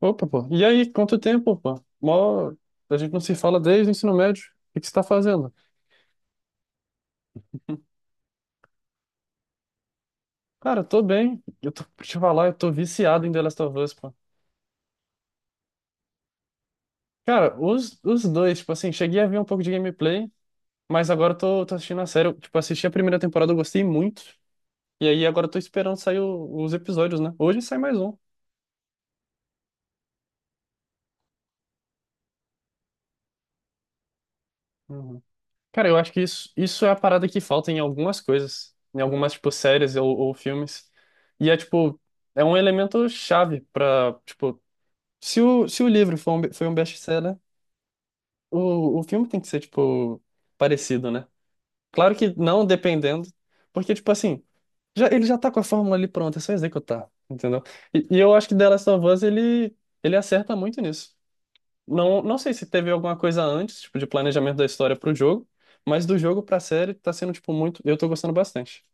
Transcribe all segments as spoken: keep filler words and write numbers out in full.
Opa, pô. E aí, quanto tempo, pô? Mó... A gente não se fala desde o ensino médio. O que que você tá fazendo? Cara, eu tô bem. Eu tô, pra te falar, eu tô viciado em The Last of Us, pô. Cara, os, os dois, tipo assim, cheguei a ver um pouco de gameplay, mas agora eu tô, tô assistindo a série. Eu, tipo, assisti a primeira temporada, eu gostei muito. E aí agora eu tô esperando sair o- os episódios, né? Hoje sai mais um. Uhum. Cara, eu acho que isso, isso é a parada que falta em algumas coisas, em algumas, tipo, séries ou, ou filmes. E é, tipo, é um elemento chave pra, tipo, se o, se o livro foi um, foi um best-seller, o, o filme tem que ser, tipo, parecido, né? Claro que não dependendo, porque, tipo assim, já, ele já tá com a fórmula ali pronta, é só executar, entendeu? E, e eu acho que The Last of Us, ele, ele acerta muito nisso. Não, não sei se teve alguma coisa antes, tipo, de planejamento da história pro jogo, mas do jogo pra série tá sendo, tipo, muito... Eu tô gostando bastante.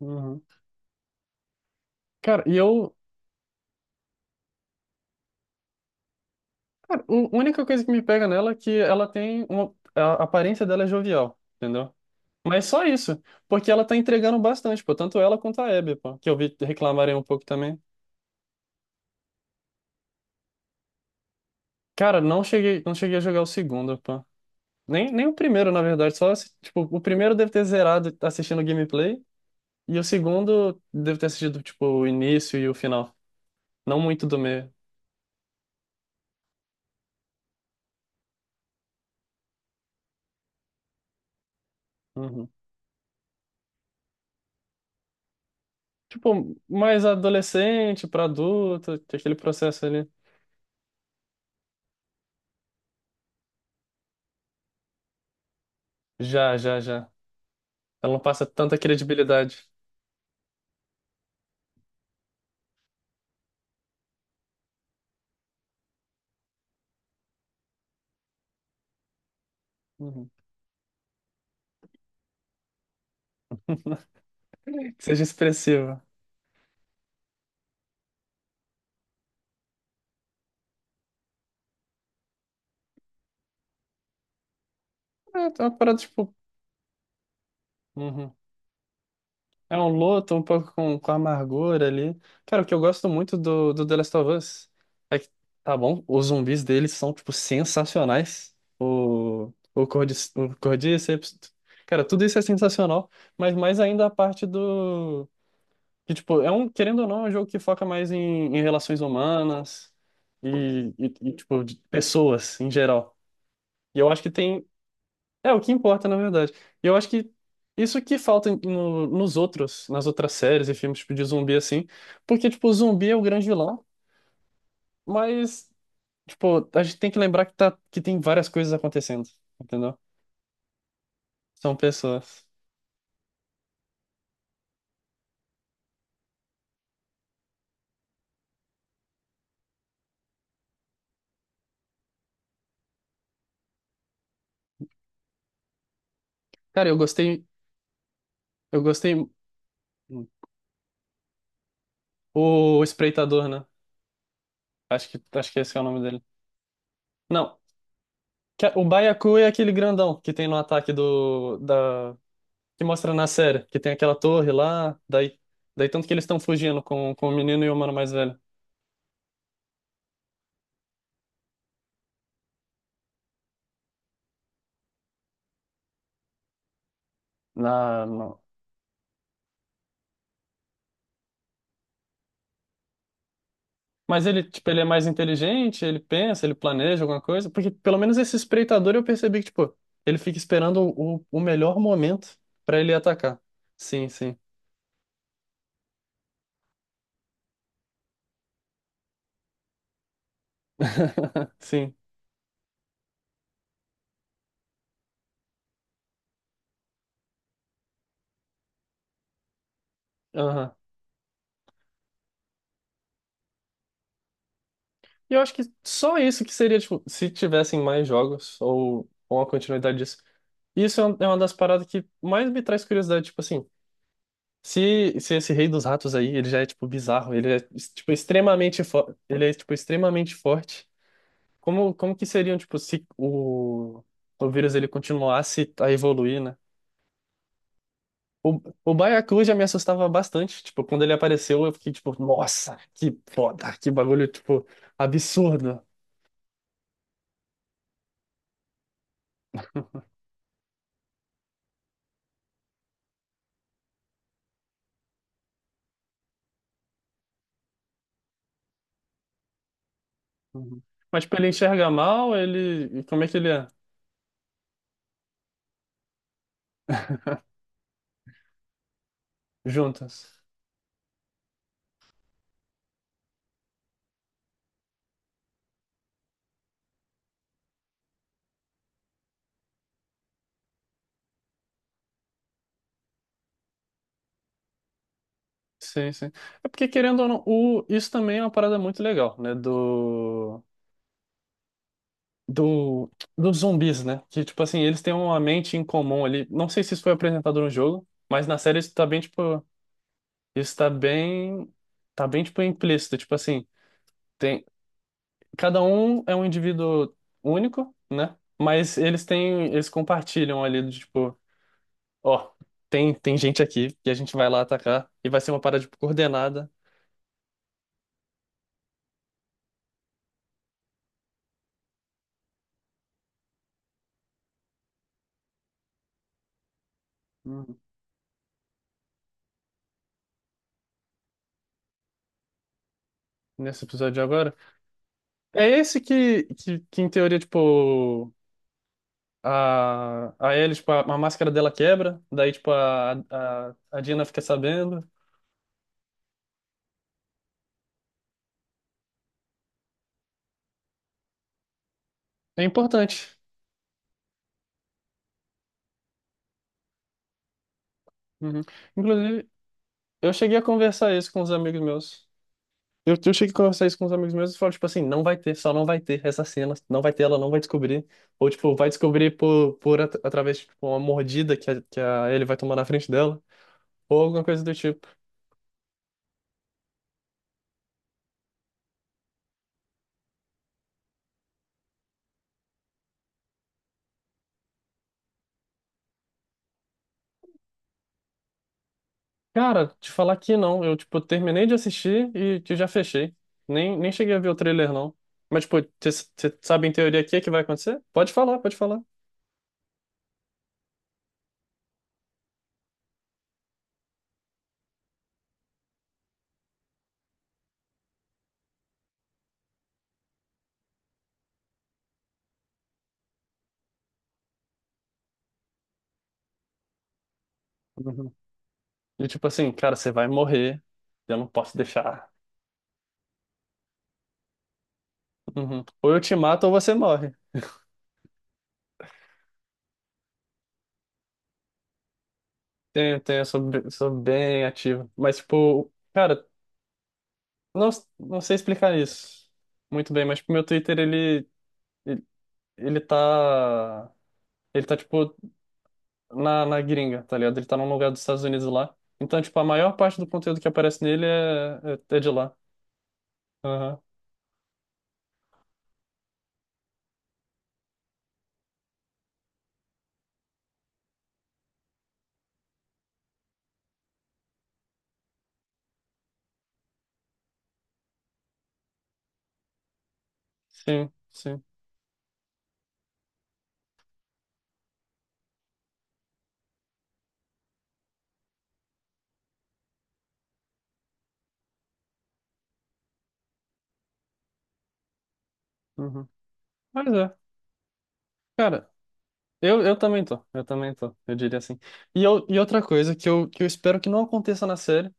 Uhum. Cara, e eu... Cara, o- a única coisa que me pega nela é que ela tem uma... A aparência dela é jovial, entendeu? Mas só isso, porque ela tá entregando bastante, pô, tanto ela quanto a Abby, pô, que eu vi reclamarem um pouco também. Cara, não cheguei, não cheguei a jogar o segundo, pô. Nem, nem o primeiro, na verdade, só, assi- tipo, o primeiro deve ter zerado assistindo o gameplay, e o segundo deve ter assistido, tipo, o início e o final, não muito do meio. Uhum. Tipo, mais adolescente pra adulto, tem aquele processo ali. Já, já, já. Ela não passa tanta credibilidade. Uhum. Que seja expressiva. É, é uma parada, tipo... Uhum. É um luto um pouco com, com amargura ali. Cara, o que eu gosto muito do, do The Last of Us é que, tá bom, os zumbis deles são, tipo, sensacionais. O, o, Cordyce- o Cordyceps. Cara, tudo isso é sensacional, mas mais ainda a parte do. Que, tipo, é um, querendo ou não, é um jogo que foca mais em, em relações humanas e, e, e, tipo, de pessoas em geral. E eu acho que tem. É o que importa, na verdade. E eu acho que isso que falta em- no- nos outros, nas outras séries e filmes tipo, de zumbi, assim. Porque, tipo, o zumbi é o grande vilão, mas, tipo, a gente tem que lembrar que, tá, que tem várias coisas acontecendo, entendeu? São pessoas. Cara, eu gostei. Eu gostei. Hum. O Espreitador, né? Acho que, acho que esse que é o nome dele. Não. Que- é, o Baiacu é aquele grandão que tem no ataque do, da, que mostra na série, que tem aquela torre lá, daí, daí tanto que eles estão fugindo com, com o menino e o mano mais velho. Na, no- Mas ele, tipo, ele é mais inteligente, ele pensa, ele planeja alguma coisa, porque pelo menos esse espreitador eu percebi que, tipo, ele fica esperando o, o melhor momento pra ele atacar. Sim, sim. Sim. Aham. E eu acho que só isso que seria, tipo, se tivessem mais jogos ou, ou uma continuidade disso. Isso é um- é uma das paradas que mais me traz curiosidade, tipo assim. Se, se esse rei dos ratos aí, ele já é tipo bizarro, ele é tipo extremamente fo- ele é tipo extremamente forte. Como como que seriam tipo se o o vírus ele continuasse a evoluir, né? O, o Baiacu já me assustava bastante, tipo, quando ele apareceu, eu fiquei tipo, nossa, que foda, que bagulho tipo absurdo. Uhum. Mas tipo, ele enxerga mal, ele como é que ele é? Juntas. Sim, sim. É porque querendo ou não, o, isso também é uma parada muito legal, né, do do, dos zumbis, né? Que, tipo assim, eles têm uma mente em comum ali. Não sei se isso foi apresentado no jogo, mas na série isso tá bem, tipo, isso tá bem, tá bem, tipo, implícito. Tipo assim, tem, cada um é um indivíduo único, né? Mas eles têm, eles compartilham ali, do tipo, ó, tem, tem gente aqui que a gente vai lá atacar e vai ser uma parada, tipo, coordenada. Uhum. Nesse episódio de agora. É esse que, que, que, em teoria, tipo. A, aí eles, tipo, a, a máscara dela quebra, daí, tipo, a, a, a Dina fica sabendo. É importante. Uhum. Inclusive, eu cheguei a conversar isso com os amigos meus. Eu, eu cheguei a conversar isso com os amigos meus e falo, tipo assim, não vai ter, só não vai ter essa cena, não vai ter, ela não vai descobrir. Ou, tipo, vai descobrir por, por at- através de tipo, uma mordida que, a, que a, ele vai tomar na frente dela, ou alguma coisa do tipo. Cara, te falar que não. Eu, tipo, terminei de assistir e que já fechei. Nem, nem cheguei a ver o trailer, não. Mas, tipo, você sabe em teoria o que é que vai acontecer? Pode falar, pode falar. Uhum. E tipo assim, cara, você vai morrer. Eu não posso deixar. Uhum. Ou eu te mato ou você morre. Tenho, tenho, eu sou, be- sou bem ativo. Mas, tipo, cara, não, não sei explicar isso muito bem, mas, tipo, meu Twitter, ele, ele, ele tá. Ele tá, tipo, na, na gringa, tá ligado? Ele tá num lugar dos Estados Unidos lá. Então, tipo, a maior parte do conteúdo que aparece nele é, é, é de lá. Aham. Sim, sim. Uhum. Mas é. Cara, Eu, eu também tô, eu também tô, eu diria assim. E, eu, e outra coisa que eu, que eu espero que não aconteça na série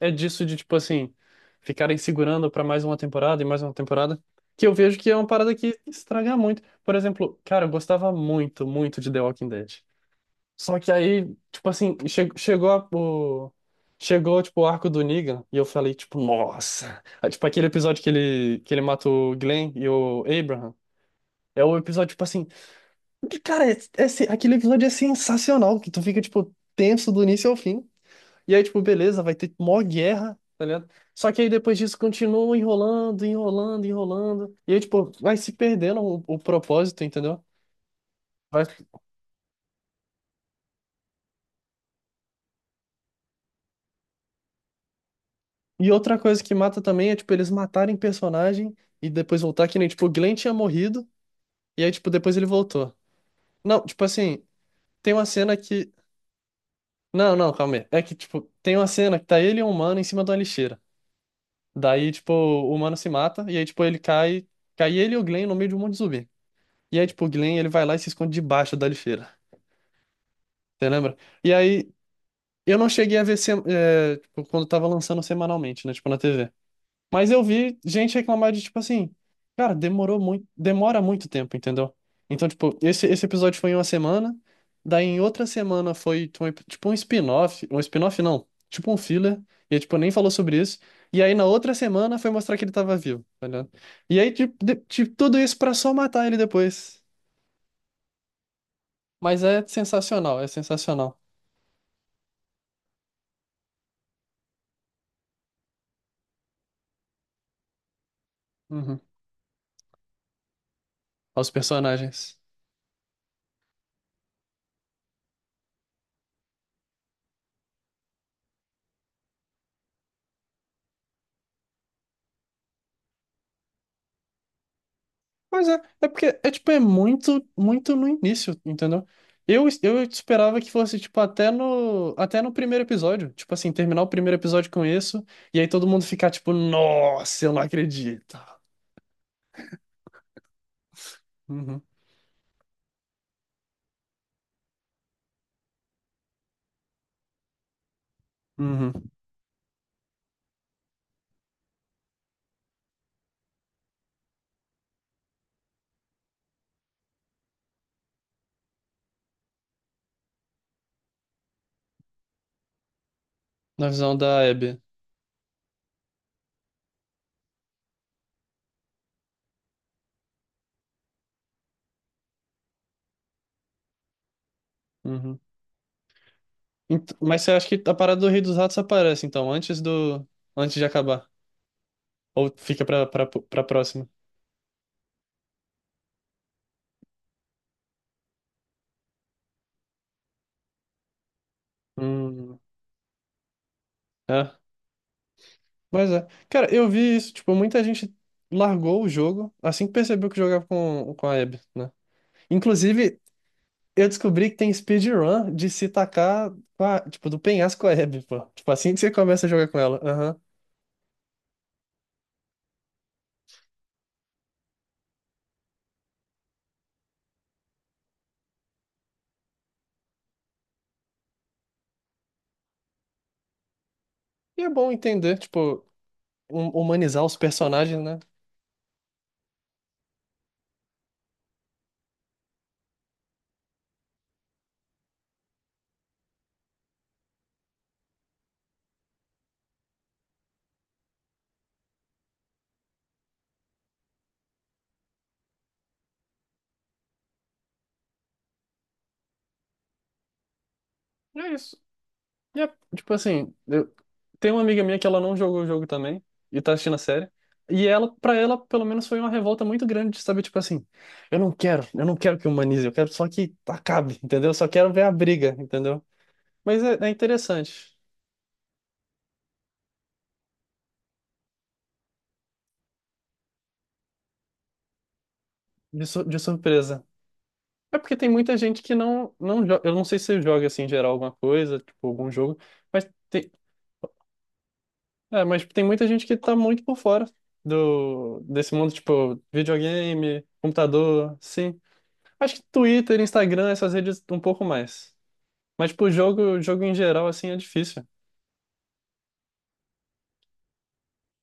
é disso de, tipo assim, ficarem segurando pra mais uma temporada e mais uma temporada, que eu vejo que é uma parada que estraga muito. Por exemplo, cara, eu gostava muito, muito de The Walking Dead. Só que aí, tipo assim, che chegou a- o... Chegou, tipo, o arco do Negan e eu falei, tipo, nossa! Ah, tipo, aquele episódio que ele, que ele mata o Glenn e o Abraham. É o episódio, tipo assim, que, cara, é, é sen- aquele episódio é sensacional, que tu fica, tipo, tenso do início ao fim. E aí, tipo, beleza, vai ter mó guerra, tá ligado? Só que aí depois disso continua enrolando, enrolando, enrolando. E aí, tipo, vai se perdendo o, o propósito, entendeu? Vai... E outra coisa que mata também é, tipo, eles matarem personagem e depois voltar, que nem, tipo, o Glenn tinha morrido, e aí, tipo, depois ele voltou. Não, tipo assim, tem uma cena que. Não, não, calma aí. É que, tipo, tem uma cena que tá ele e um humano em cima de uma lixeira. Daí, tipo, o mano se mata, e aí, tipo, ele cai. Cai ele e o Glenn no meio de um monte de zumbi. E aí, tipo, o Glenn, ele vai lá e se esconde debaixo da lixeira. Você lembra? E aí, eu não cheguei a ver, se- é, tipo, quando tava lançando semanalmente, né? Tipo, na T V. Mas eu vi gente reclamar de, tipo assim, cara, demorou muito, demora muito tempo, entendeu? Então, tipo, esse, esse episódio foi em uma semana, daí em outra semana foi, tipo, um ep- tipo, um spin-off, um spin-off não, tipo um filler, e, tipo, nem falou sobre isso, e aí na outra semana foi mostrar que ele tava vivo, tá ligado? E aí, tipo, de- tipo, tudo isso pra só matar ele depois. Mas é sensacional, é sensacional. Uhum. Aos personagens. Mas é, é porque é tipo, é muito, muito no início, entendeu? Eu, eu esperava que fosse, tipo, até no, até no primeiro episódio. Tipo assim, terminar o primeiro episódio com isso, e aí todo mundo ficar, tipo, nossa, eu não acredito. Uhum, uhum. Na visão da Abby. Uhum. Ent- Mas você acha que a parada do Rei dos Ratos aparece, então, antes do. Antes de acabar? Ou fica pra, pra, pra próxima? Hum. É? Mas é. Cara, eu vi isso, tipo, muita gente largou o jogo assim que percebeu que jogava com, com a Abby, né? Inclusive, eu descobri que tem speedrun de se tacar, com a- tipo, do penhasco com a Abby, pô. Tipo, assim que você começa a jogar com ela. Aham. E é bom entender, tipo, hum- humanizar os personagens, né? É isso. E é, tipo assim, tem uma amiga minha que ela não jogou o jogo também e tá assistindo a série. E ela, para ela, pelo menos foi uma revolta muito grande de saber, tipo assim, eu não quero, eu não quero que humanize, eu quero só que acabe, entendeu? Eu só quero ver a briga, entendeu? Mas é, é interessante, de, sur- de surpresa. É porque tem muita gente que não, não joga, eu não sei se você joga, assim, em geral, alguma coisa, tipo, algum jogo, mas tem, é, mas tem muita gente que tá muito por fora do, desse mundo, tipo, videogame, computador, sim. Acho que Twitter, Instagram, essas redes um pouco mais. Mas, tipo, jogo, jogo em geral, assim, é difícil.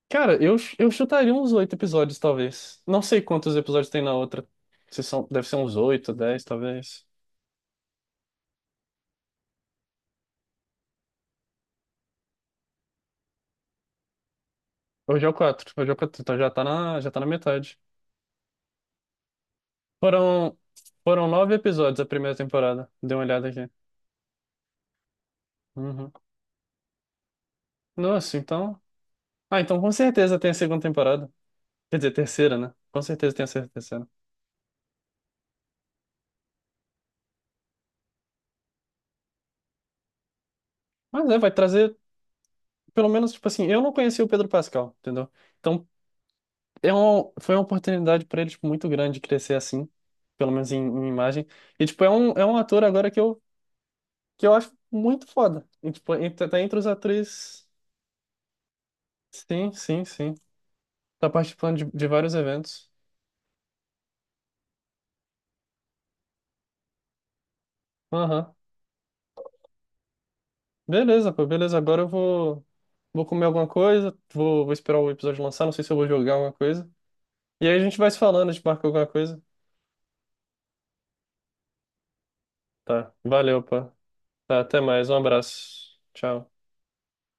Cara, eu, eu chutaria uns oito episódios, talvez. Não sei quantos episódios tem na outra. Se são, deve ser uns oito, dez, talvez. Hoje é o quatro. Hoje é o quatro. Então já tá na, já tá na metade. Foram, foram nove episódios a primeira temporada. Dê uma olhada aqui. Uhum. Nossa, então. Ah, então com certeza tem a segunda temporada. Quer dizer, terceira, né? Com certeza tem a terceira. Mas é, vai trazer, pelo menos, tipo assim, eu não conheci o Pedro Pascal, entendeu? Então, é um, foi uma oportunidade para ele, tipo, muito grande crescer assim, pelo menos em, em imagem. E, tipo, é um, é um ator agora que eu, que eu acho muito foda. E, tipo, entre- tá entre os atores. Sim, sim, sim. Tá participando de, de vários eventos. Aham. Beleza, pô, beleza. Agora eu vou, vou comer alguma coisa, vou, vou esperar o episódio lançar, não sei se eu vou jogar alguma coisa. E aí a gente vai se falando, a gente marca alguma coisa. Tá, valeu, pô. Tá, até mais, um abraço. Tchau.